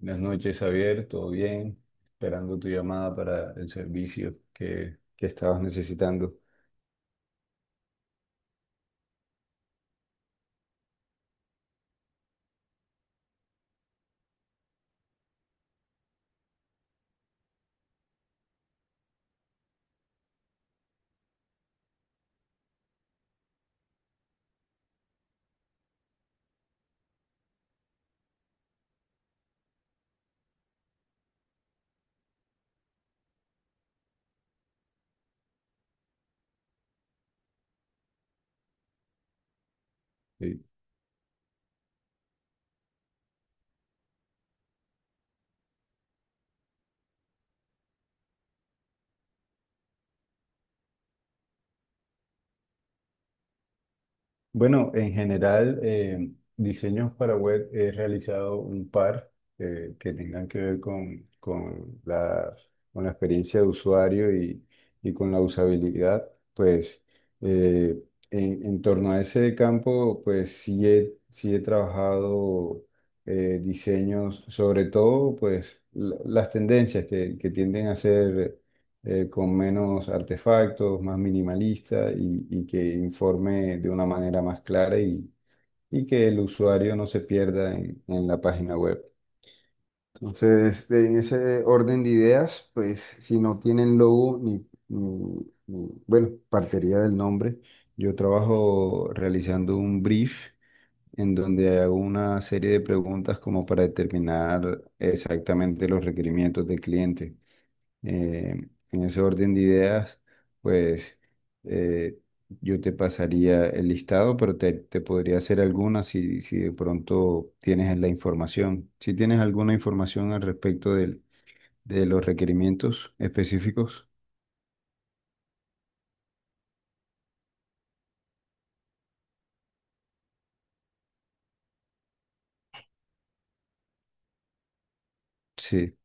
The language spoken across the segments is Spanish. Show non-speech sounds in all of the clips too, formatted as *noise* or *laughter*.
Buenas noches, Javier, ¿todo bien? Esperando tu llamada para el servicio que estabas necesitando. Sí. Bueno, en general, diseños para web he realizado un par que tengan que ver con la experiencia de usuario y con la usabilidad. Pues eh, en torno a ese campo, pues sí he trabajado diseños, sobre todo pues las tendencias que tienden a ser con menos artefactos, más minimalista y que informe de una manera más clara y que el usuario no se pierda en la página web. Entonces, en ese orden de ideas, pues si no tienen logo bueno, partiría del nombre. Yo trabajo realizando un brief en donde hago una serie de preguntas como para determinar exactamente los requerimientos del cliente. Eh, en ese orden de ideas, pues eh, yo te pasaría el listado, pero te podría hacer alguna si de pronto tienes la información. Si tienes alguna información al respecto de los requerimientos específicos, sí.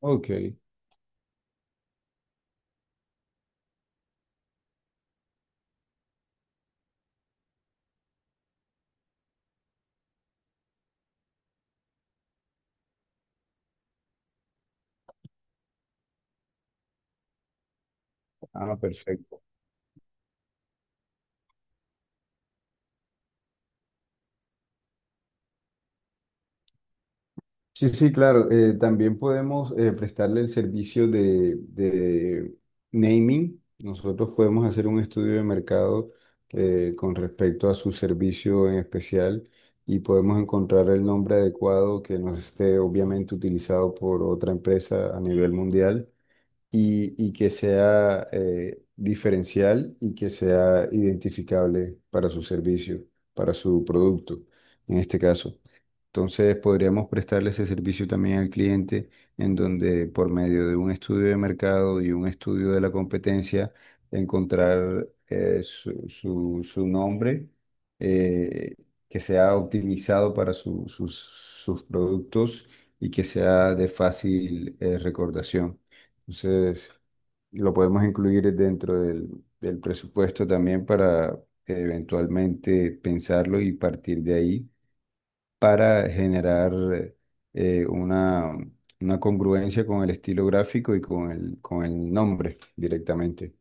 Ok. Ah, perfecto. Sí, sí, claro. También podemos prestarle el servicio de naming. Nosotros podemos hacer un estudio de mercado con respecto a su servicio en especial y podemos encontrar el nombre adecuado que no esté obviamente utilizado por otra empresa a nivel mundial y que sea diferencial y que sea identificable para su servicio, para su producto, en este caso. Entonces podríamos prestarle ese servicio también al cliente en donde por medio de un estudio de mercado y un estudio de la competencia encontrar su nombre eh, que sea optimizado para sus productos y que sea de fácil recordación. Entonces, lo podemos incluir dentro del presupuesto también para eventualmente pensarlo y partir de ahí para generar eh, una, una congruencia con el estilo gráfico y con con el nombre directamente.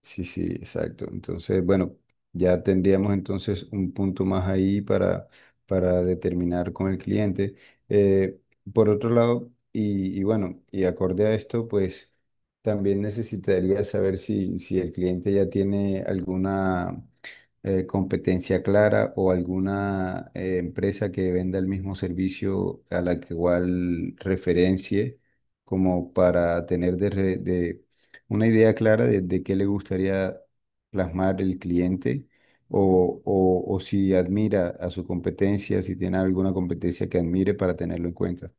Sí, sí, exacto. Entonces, bueno, ya tendríamos entonces un punto más ahí para determinar con el cliente. Eh, por otro lado, y bueno, y acorde a esto, pues también necesitaría saber si el cliente ya tiene alguna competencia clara o alguna empresa que venda el mismo servicio a la que igual referencie, como para tener de una idea clara de qué le gustaría plasmar el cliente o si admira a su competencia, si tiene alguna competencia que admire para tenerlo en cuenta.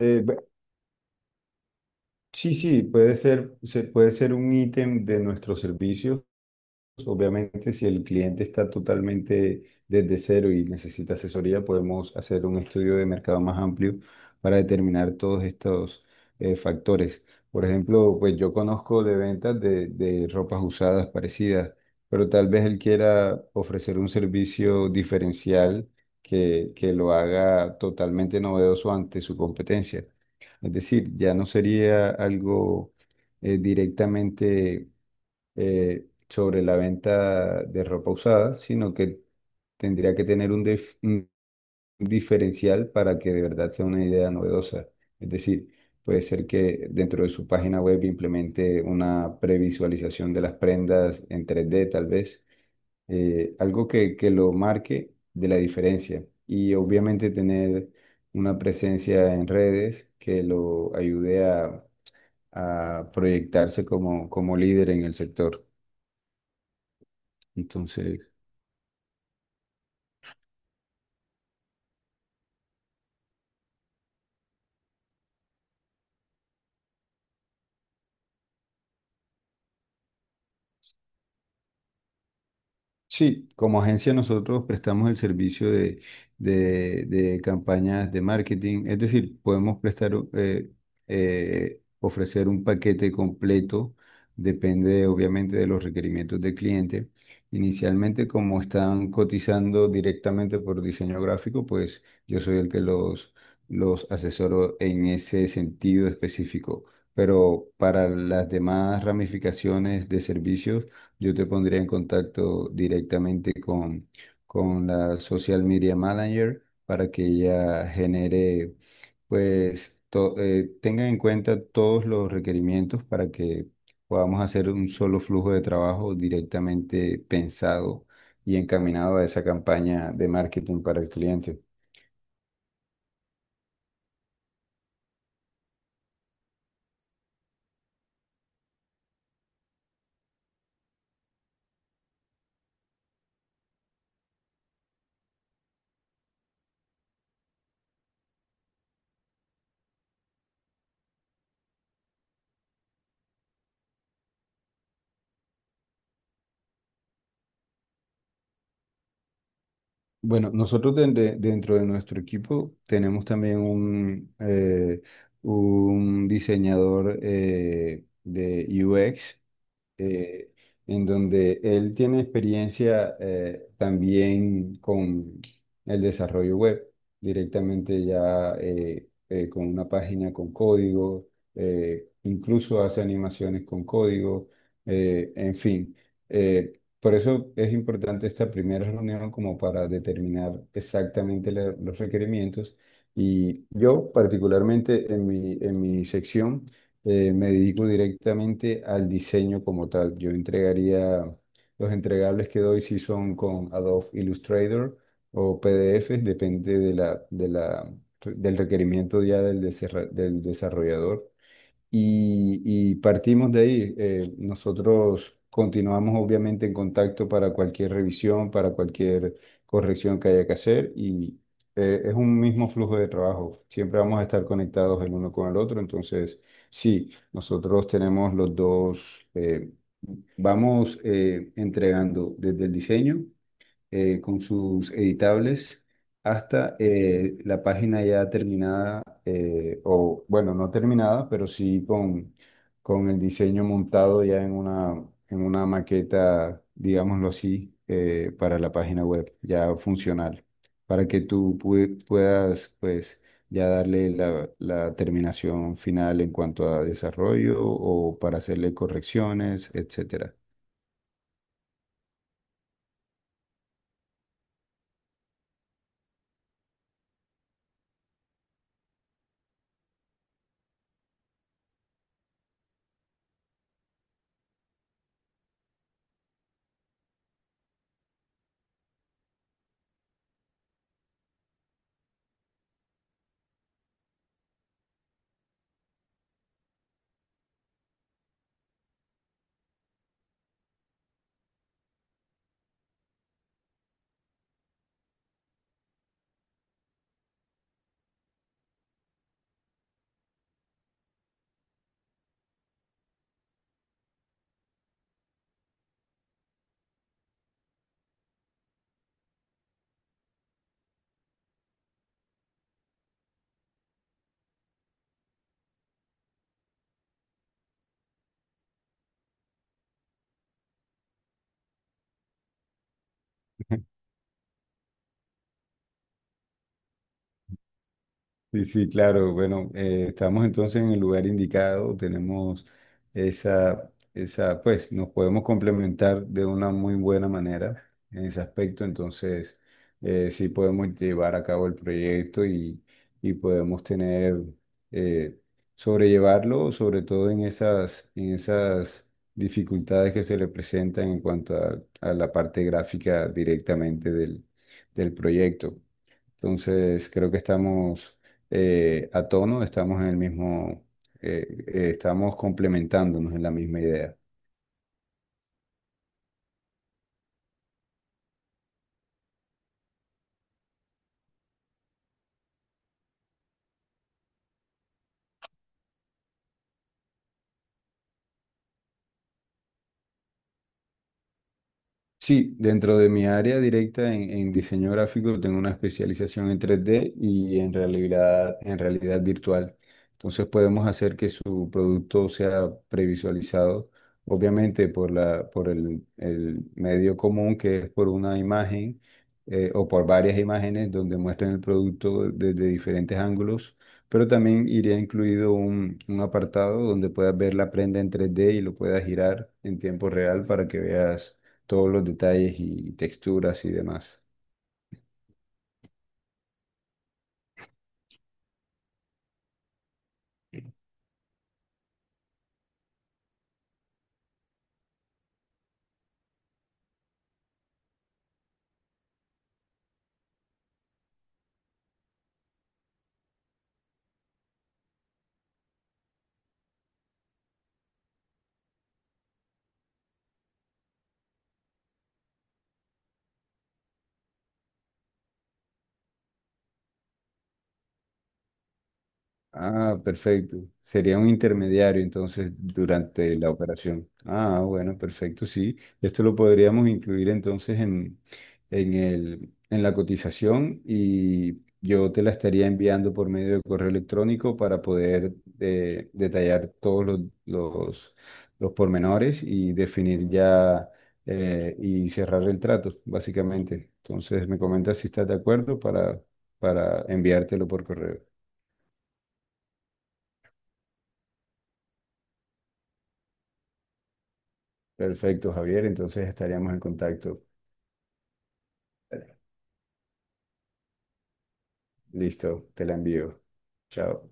Eh, bu- sí, sí, puede ser, puede ser un ítem de nuestro servicio. Obviamente, si el cliente está totalmente desde cero y necesita asesoría, podemos hacer un estudio de mercado más amplio para determinar todos estos factores. Por ejemplo, pues yo conozco de ventas de ropas usadas parecidas, pero tal vez él quiera ofrecer un servicio diferencial que lo haga totalmente novedoso ante su competencia. Es decir, ya no sería algo directamente sobre la venta de ropa usada, sino que tendría que tener un diferencial para que de verdad sea una idea novedosa. Es decir, puede ser que dentro de su página web implemente una previsualización de las prendas en 3D, tal vez algo que lo marque de la diferencia y obviamente tener una presencia en redes que lo ayude a proyectarse como líder en el sector. Entonces, sí, como agencia nosotros prestamos el servicio de campañas de marketing, es decir, podemos ofrecer un paquete completo, depende obviamente de los requerimientos del cliente. Inicialmente, como están cotizando directamente por diseño gráfico, pues yo soy el que los asesoro en ese sentido específico. Pero para las demás ramificaciones de servicios, yo te pondría en contacto directamente con la Social Media Manager para que ella genere, pues, tenga en cuenta todos los requerimientos para que podamos hacer un solo flujo de trabajo directamente pensado y encaminado a esa campaña de marketing para el cliente. Bueno, nosotros dentro de nuestro equipo tenemos también un diseñador de UX eh, en donde él tiene experiencia también con el desarrollo web, directamente ya con una página con código, incluso hace animaciones con código, en fin. Por eso es importante esta primera reunión como para determinar exactamente los requerimientos. Y yo particularmente en mi sección, me dedico directamente al diseño como tal. Yo entregaría, los entregables que doy si son con Adobe Illustrator o PDFs, depende del requerimiento ya del desarrollador. Y partimos de ahí. Nosotros continuamos obviamente en contacto para cualquier revisión, para cualquier corrección que haya que hacer y es un mismo flujo de trabajo. Siempre vamos a estar conectados el uno con el otro. Entonces, sí, nosotros tenemos los dos, vamos entregando desde el diseño con sus editables hasta la página ya terminada, o bueno, no terminada, pero con el diseño montado ya en una maqueta, digámoslo así, para la página web, ya funcional, para que puedas, pues, ya darle la terminación final en cuanto a desarrollo o para hacerle correcciones, etcétera. *laughs* Sí, sí, claro. Bueno, estamos entonces en el lugar indicado, tenemos pues nos podemos complementar de una muy buena manera en ese aspecto, entonces sí podemos llevar a cabo el proyecto y podemos eh, sobrellevarlo, sobre todo en esas dificultades que se le presentan en cuanto a la parte gráfica directamente del proyecto. Entonces, creo que estamos a tono, estamos en el mismo, estamos complementándonos en la misma idea. Sí, dentro de mi área directa en diseño gráfico tengo una especialización en 3D y en realidad virtual. Entonces podemos hacer que su producto sea previsualizado, obviamente por la, por el medio común que es por una imagen o por varias imágenes donde muestren el producto desde diferentes ángulos, pero también iría incluido un apartado donde puedas ver la prenda en 3D y lo puedas girar en tiempo real para que veas todos los detalles y texturas y demás. Ah, perfecto. Sería un intermediario entonces durante la operación. Ah, bueno, perfecto, sí. Esto lo podríamos incluir entonces en la cotización y yo te la estaría enviando por medio de correo electrónico para poder detallar todos los, los pormenores y definir ya y cerrar el trato, básicamente. Entonces me comentas si estás de acuerdo para enviártelo por correo. Perfecto, Javier. Entonces estaríamos en contacto. Listo, te la envío. Chao.